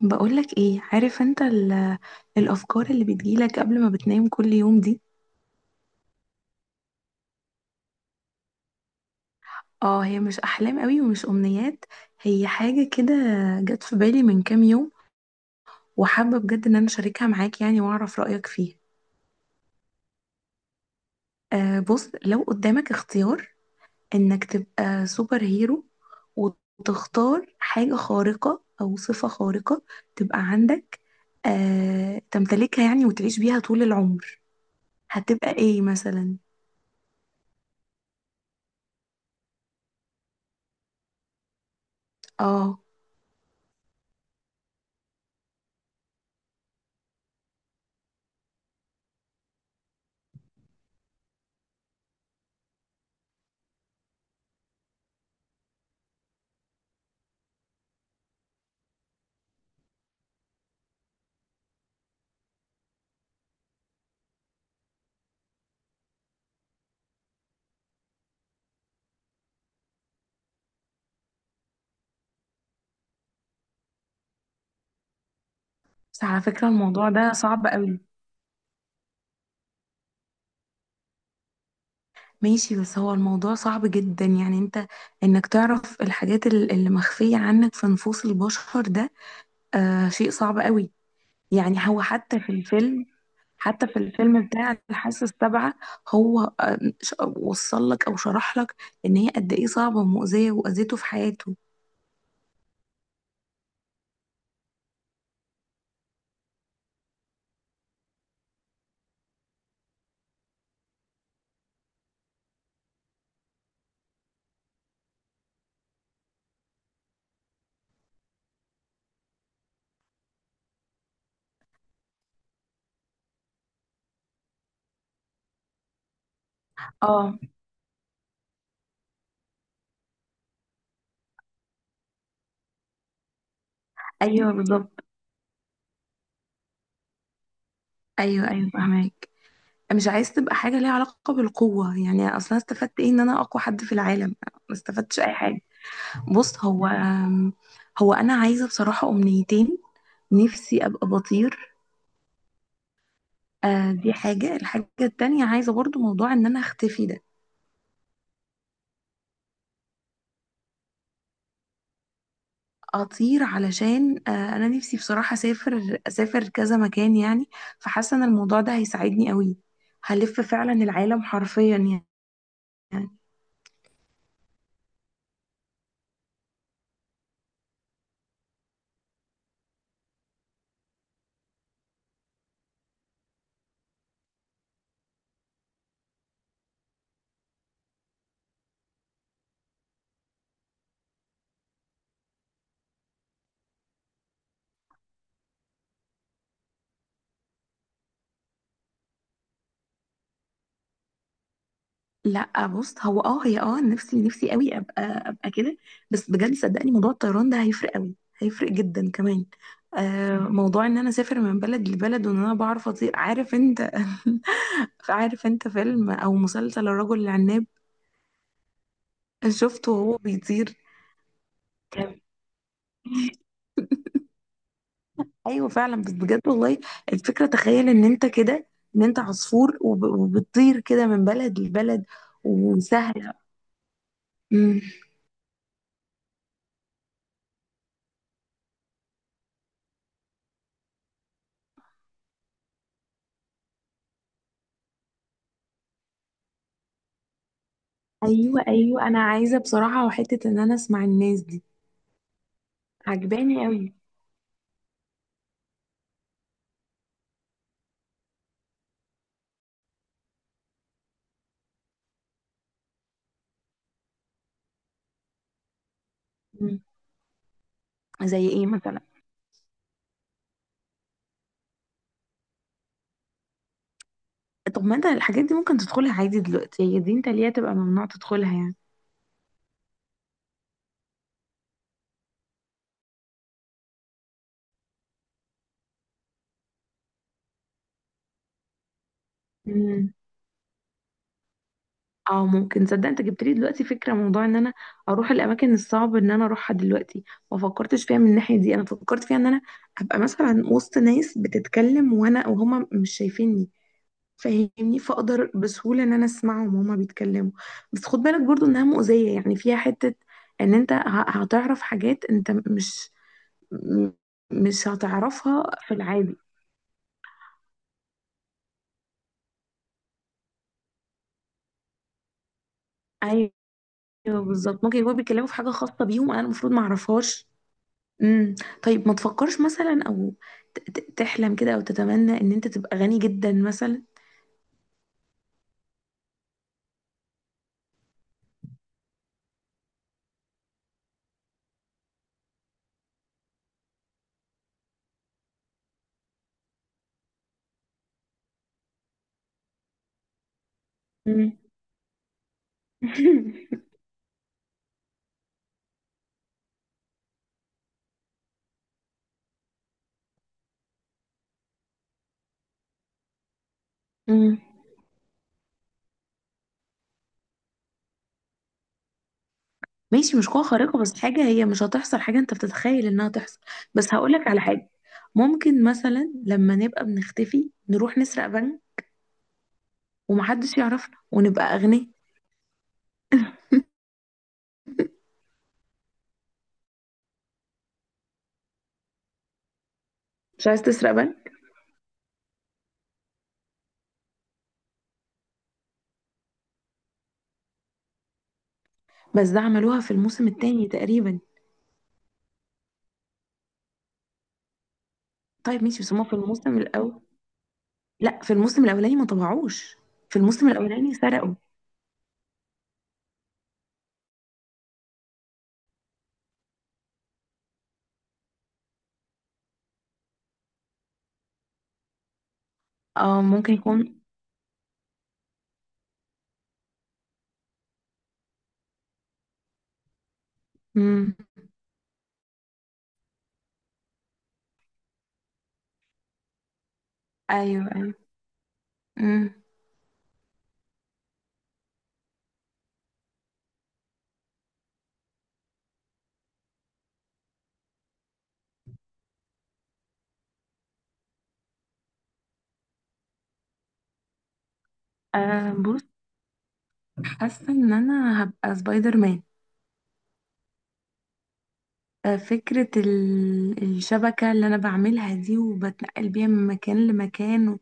بقولك ايه عارف انت الافكار اللي بتجيلك قبل ما بتنام كل يوم دي. اه، هي مش احلام قوي ومش امنيات. هي حاجة كده جت في بالي من كام يوم، وحابة بجد ان انا اشاركها معاك يعني واعرف رأيك فيها. آه، بص، لو قدامك اختيار انك تبقى سوبر هيرو، وتختار حاجة خارقة او صفة خارقة تبقى عندك، تمتلكها يعني وتعيش بيها طول العمر. هتبقى ايه مثلا؟ اه، بس على فكرة الموضوع ده صعب قوي. ماشي، بس هو الموضوع صعب جدا يعني انت، انك تعرف الحاجات اللي مخفية عنك في نفوس البشر ده، شيء صعب قوي. يعني هو حتى في الفيلم بتاع الحاسة السابعة. هو وصل لك او شرح لك ان هي قد ايه صعبة ومؤذية واذيته في حياته. اه، ايوه بالظبط. ايوه، ايوه، فهماك. مش عايز تبقى حاجة ليها علاقة بالقوة يعني، اصلا استفدت ايه ان انا اقوى حد في العالم؟ ما استفدتش اي حاجة. بُص، هو أنا عايزة بصراحة أمنيتين. نِفْسي أبقى بَطِير. دي حاجة، الحاجة التانية عايزة برضه موضوع إن أنا أختفي ده. أطير علشان أنا نِفْسي بصراحة أسافر كذا مكان يعني. فحاسة إن الموضوع ده هيساعدني أوي، هالِف فعلًا العالم حرفيًا يعني. لا بص، هو اه هي نفسي قوي ابقى كده. بس بجد صدقني، موضوع الطيران ده هيفرق قوي، هيفرق جدا كمان. موضوع ان انا اسافر من بلد لبلد وان انا بعرف اطير. عارف انت؟ عارف انت فيلم او مسلسل الرجل العناب؟ شفته وهو بيطير. كان- ايوه فعلا، بس بجد والله، الفكره تخيل ان انت عصفور، وبتطير كده من بلد لبلد وسهله. أمم. ايوه، ايوه، انا عايزه بصراحه وحته ان انا اسمع الناس دي. عجباني قوي. مم. زي ايه مثلا؟ طب ما انت الحاجات دي ممكن تدخلها عادي دلوقتي، هي دي انت ليه تبقى ممنوع تدخلها يعني؟ مم. اه، ممكن، صدق انت جبت لي دلوقتي فكره موضوع ان انا اروح الاماكن الصعبه ان انا اروحها دلوقتي. ما فكرتش فيها من الناحيه دي، انا فكرت فيها ان انا ابقى مثلا وسط ناس بتتكلم وانا وهما مش شايفيني. فاهمني، فاقدر بسهوله ان انا اسمعهم وهما بيتكلموا. بس خد بالك برضو انها مؤذيه يعني، فيها حته ان انت هتعرف حاجات انت م- مش هتعرفها في العادي. ايوه بالظبط، ممكن يكونوا بيتكلموا في حاجه خاصه بيهم انا المفروض ما اعرفهاش. امم. طيب ما تفكرش مثلا او تحلم كده او تتمنى ان انت تبقى غني جدا مثلا؟ امم. امم. ماشي، مش قوة خارقة بس حاجة هي مش هتحصل، حاجة انت بتتخيل انها تحصل. بس هقولك على حاجة، ممكن مثلا لما نبقى بنختفي نروح نسرق بنك، ومحدش يعرفنا ونبقى أغنياء. مش عايز تسرق بنك؟ بس ده عملوها في الموسم التاني تقريبا. طيب ماشي، بس هما في الموسم الاول، لا، في الموسم الاولاني ما طبعوش. في الموسم الاولاني سرقوا. اه، ممكن يكون. امم. ايوه، ايوه. امم. آه، بص، حاسه ان انا هبقى سبايدر مان. فكره الشبكه اللي انا بعملها دي وبتنقل بيها من مكان لمكان،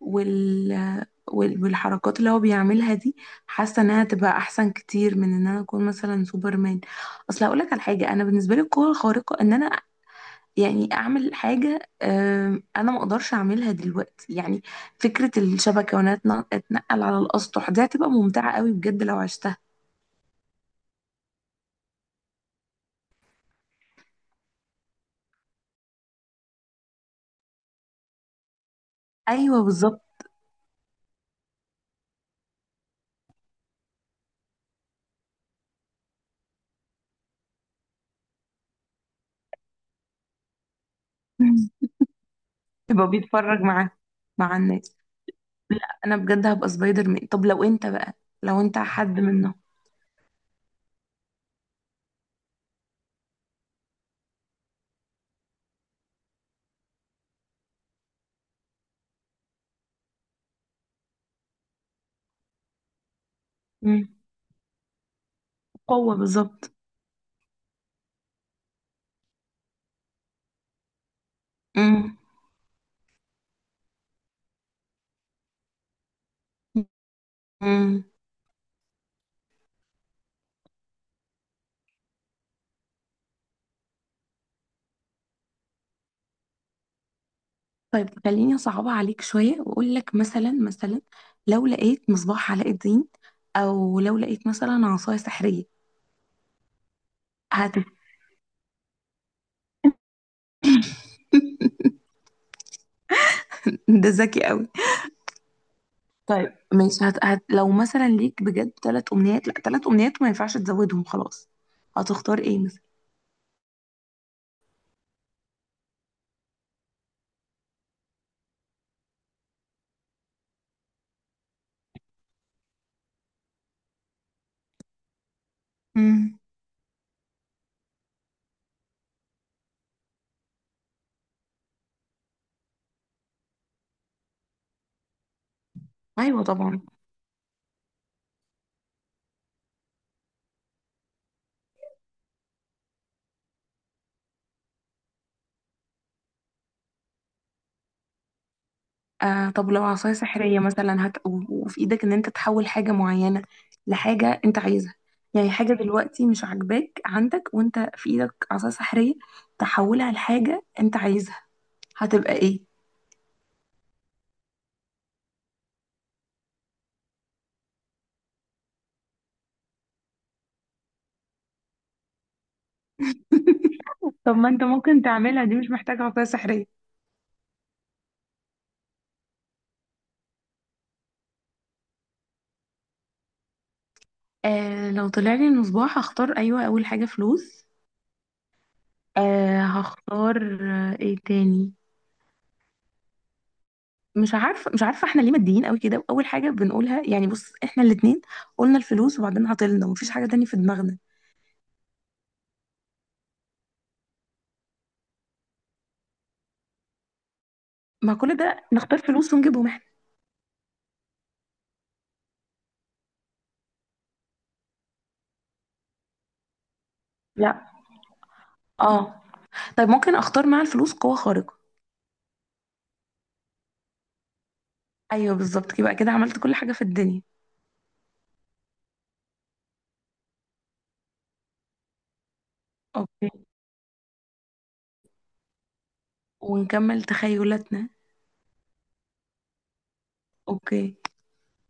وال... والحركات اللي هو بيعملها دي، حاسه انها تبقى احسن كتير من ان انا اكون مثلا سوبر مان. اصل هقول لك على حاجه، انا بالنسبه لي القوه الخارقه ان انا يعني اعمل حاجه، انا ما اقدرش اعملها دلوقتي يعني. فكره الشبكه وانا اتنقل على الاسطح دي هتبقى ممتعه قوي بجد لو عشتها. ايوه بالظبط. مم. يبقى بيتفرج معاه، مع الناس. لا انا بجد هبقى سبايدر مان. طب لو انت بقى، لو انت حد منهم؟ مم. قوه بالظبط. مم. مم. طيب خليني اصعبها عليك شويه واقول لك مثلا، مثلا لو لقيت مصباح علاء الدين، او لو لقيت مثلا عصايه سحريه. هت ده ذكي قوي. طيب ماشي، لو مثلا ليك بجد ثلاث امنيات، لا، ثلاث امنيات ما ينفعش تزودهم خلاص، هتختار ايه مثلا؟ مم. ايوه طبعا. آه، طب لو عصايه سحريه مثلا وفي ايدك ان انت تحول حاجه معينه لحاجه انت عايزها، يعني حاجه دلوقتي مش عاجباك عندك وانت في ايدك عصايه سحريه تحولها لحاجه انت عايزها، هتبقى ايه؟ طب ما انت ممكن تعملها دي، مش محتاجة عصاية سحرية. آه، لو طلع لي المصباح هختار، ايوه، اول حاجه فلوس. هختار، ايه تاني؟ مش عارفه، مش عارفه، احنا ليه ماديين قوي كده واول حاجه بنقولها يعني، بص احنا الاتنين قلنا الفلوس وبعدين عطلنا ومفيش حاجه تانية في دماغنا. ما كل ده نختار فلوس ونجيبهم احنا. لا، اه، طيب ممكن اختار مع الفلوس قوه خارقه؟ ايوه بالظبط، يبقى كده عملت كل حاجه في الدنيا. اوكي، ونكمل تخيلاتنا. اوكي.